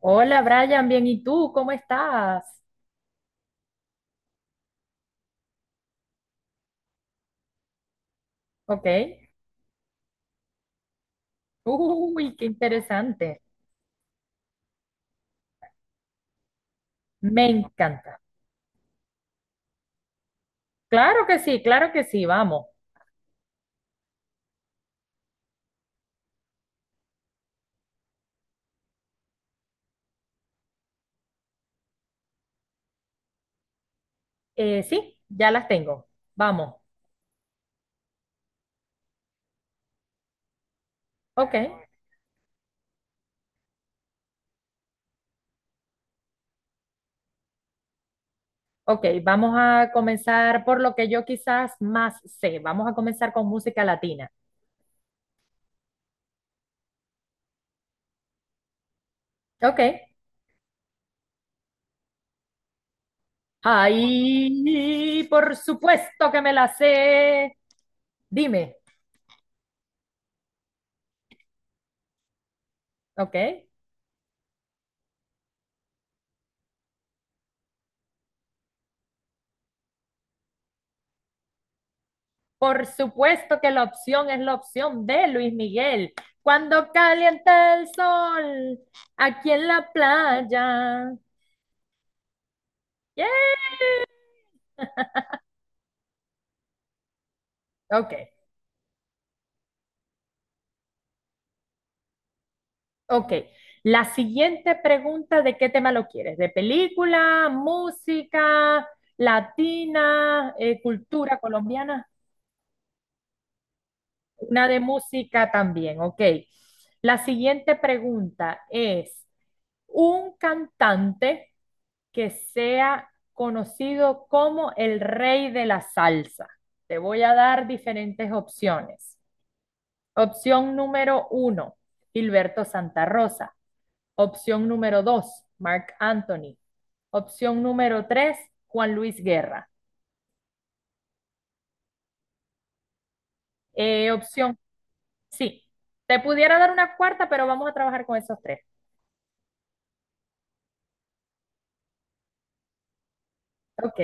Hola Brian, bien, ¿y tú? ¿Cómo estás? Ok. Uy, qué interesante. Me encanta. Claro que sí, vamos. Sí, ya las tengo. Vamos. Ok, ok, vamos a comenzar por lo que yo quizás más sé. Vamos a comenzar con música latina. Ok. Ay, por supuesto que me la sé. Dime. Ok. Por supuesto que la opción es la opción de Luis Miguel. Cuando calienta el sol aquí en la playa. Yeah. Ok, ok. La siguiente pregunta, ¿de qué tema lo quieres? ¿De película, música, latina, cultura colombiana? Una de música también, ok. La siguiente pregunta es, ¿un cantante que sea conocido como el rey de la salsa? Te voy a dar diferentes opciones. Opción número uno, Gilberto Santa Rosa. Opción número dos, Mark Anthony. Opción número tres, Juan Luis Guerra. Opción, sí, te pudiera dar una cuarta, pero vamos a trabajar con esos tres. Ok.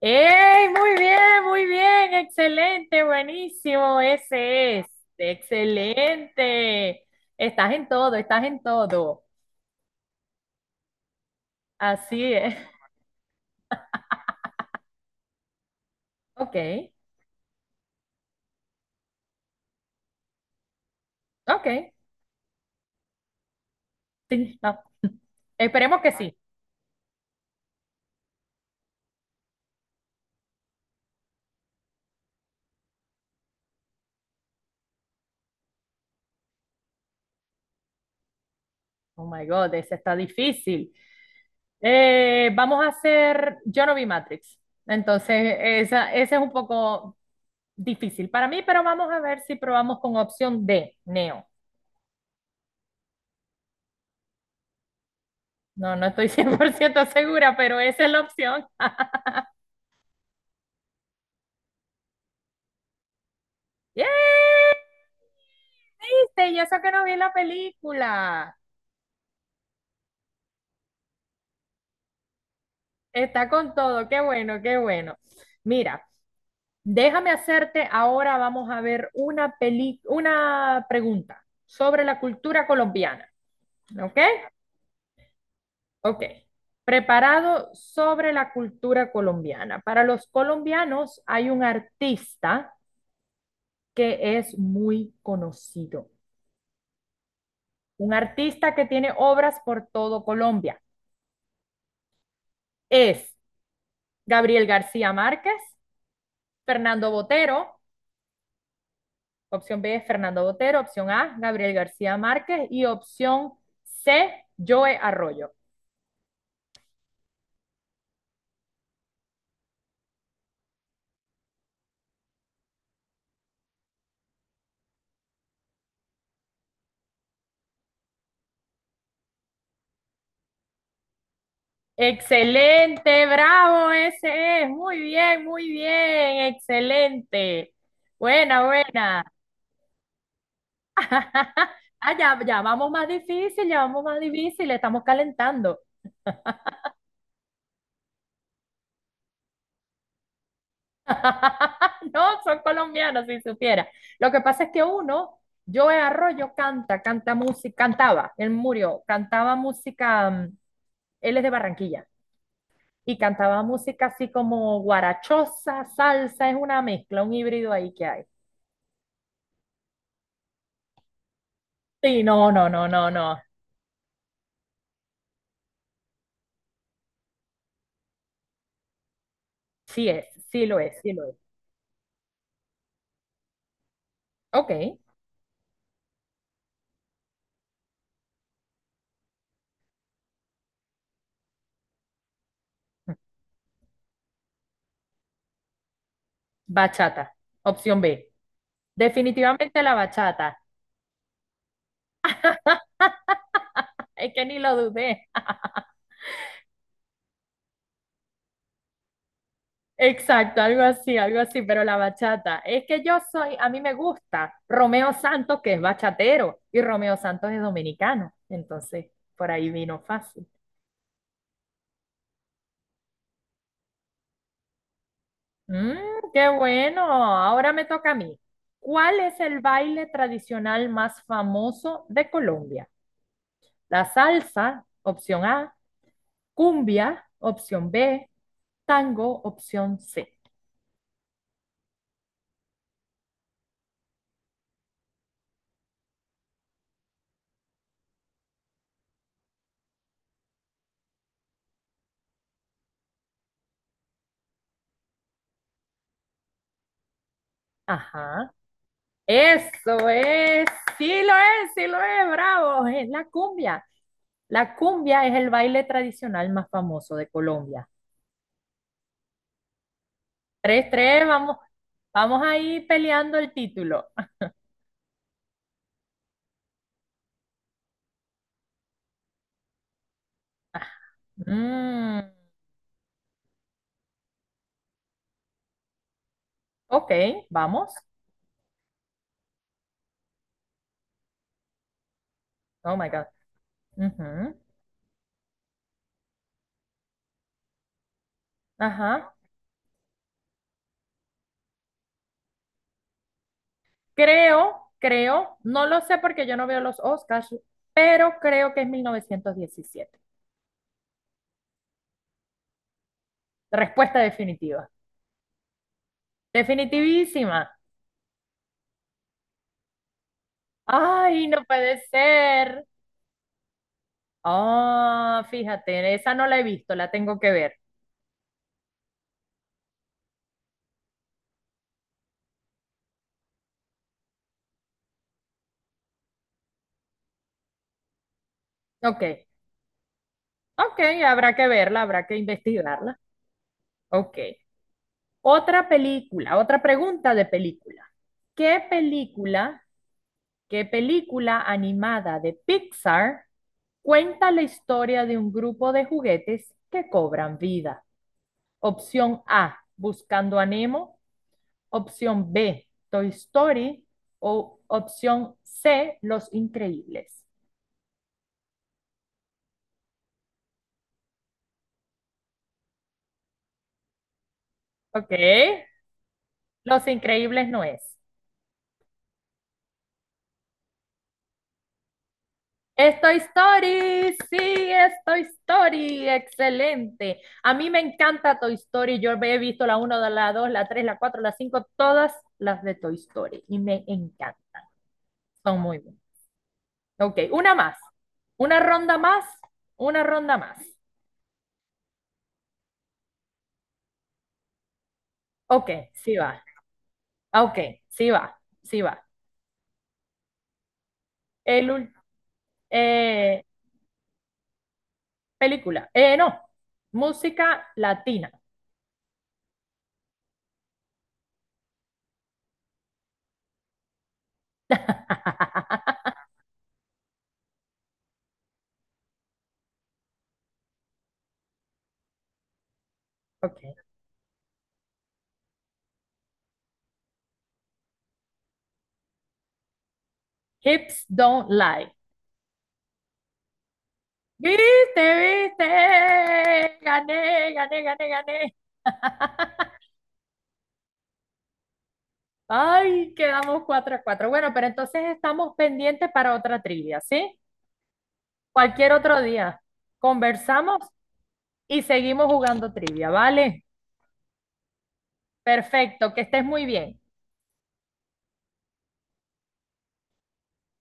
¡Ey! Muy bien, excelente, buenísimo, ese es, excelente. Estás en todo, estás en todo. Así es. Ok, ok, sí, no. Esperemos que sí. Oh my God, ese está difícil. Vamos a hacer, yo no vi Matrix, entonces esa, ese es un poco difícil para mí, pero vamos a ver si probamos con opción D, Neo. No, no estoy 100% segura, pero esa es la opción. ¡Yay! ¿Viste? Y eso que no vi la película. Está con todo. Qué bueno, qué bueno. Mira, déjame hacerte ahora, vamos a ver una peli, una pregunta sobre la cultura colombiana. ¿Ok? Ok. Preparado sobre la cultura colombiana. Para los colombianos hay un artista que es muy conocido. Un artista que tiene obras por todo Colombia. Es Gabriel García Márquez, Fernando Botero, opción B es Fernando Botero, opción A, Gabriel García Márquez y opción C, Joe Arroyo. Excelente, bravo, ese es, muy bien, excelente. Buena, buena. Ah, ya, ya vamos más difícil, ya vamos más difícil, estamos calentando. No, son colombianos, si supiera. Lo que pasa es que uno, Joe Arroyo canta, canta música, cantaba, él murió, cantaba música, él es de Barranquilla, y cantaba música así como guarachosa, salsa, es una mezcla, un híbrido ahí que hay. Sí, no, no, no, no, no. Sí es, sí lo es, sí lo es. Ok, bachata, opción B. Definitivamente la bachata. Es que ni lo dudé. Exacto, algo así, pero la bachata. Es que yo soy, a mí me gusta Romeo Santos, que es bachatero, y Romeo Santos es dominicano. Entonces, por ahí vino fácil. Mm, Qué bueno, ahora me toca a mí. ¿Cuál es el baile tradicional más famoso de Colombia? La salsa, opción A, cumbia, opción B, tango, opción C. Ajá. Eso es, sí lo es, sí lo es, bravo, es la cumbia. La cumbia es el baile tradicional más famoso de Colombia. 3-3, vamos, vamos ahí peleando el título. Mm, ok, vamos. Oh my God. Ujú, ajá. Creo, creo, no lo sé porque yo no veo los Oscars, pero creo que es 1917. Respuesta definitiva. Definitivísima. Ay, no puede ser. Oh, fíjate, esa no la he visto, la tengo que ver. Ok, ok, habrá que verla, habrá que investigarla. Ok. Otra película, otra pregunta de película. ¿Qué película, qué película animada de Pixar cuenta la historia de un grupo de juguetes que cobran vida? Opción A, Buscando a Nemo. Opción B, Toy Story. O opción C, Los Increíbles. Ok. Los Increíbles no es. Estoy Story, sí, Toy Story, excelente. A mí me encanta Toy Story, yo he visto la uno, la 2, la 3, la 4, la 5, todas las de Toy Story y me encantan, son muy buenas. Ok, una más, una ronda más, una ronda más. Ok, sí va, ok, sí va, sí va. El, ul- eh, Película, no, música latina. Ok, Hips Don't Lie. ¿Viste, viste? Gané, gané, gané, gané. Ay, quedamos 4-4. Bueno, pero entonces estamos pendientes para otra trivia, ¿sí? Cualquier otro día. Conversamos y seguimos jugando trivia, ¿vale? Perfecto, que estés muy bien.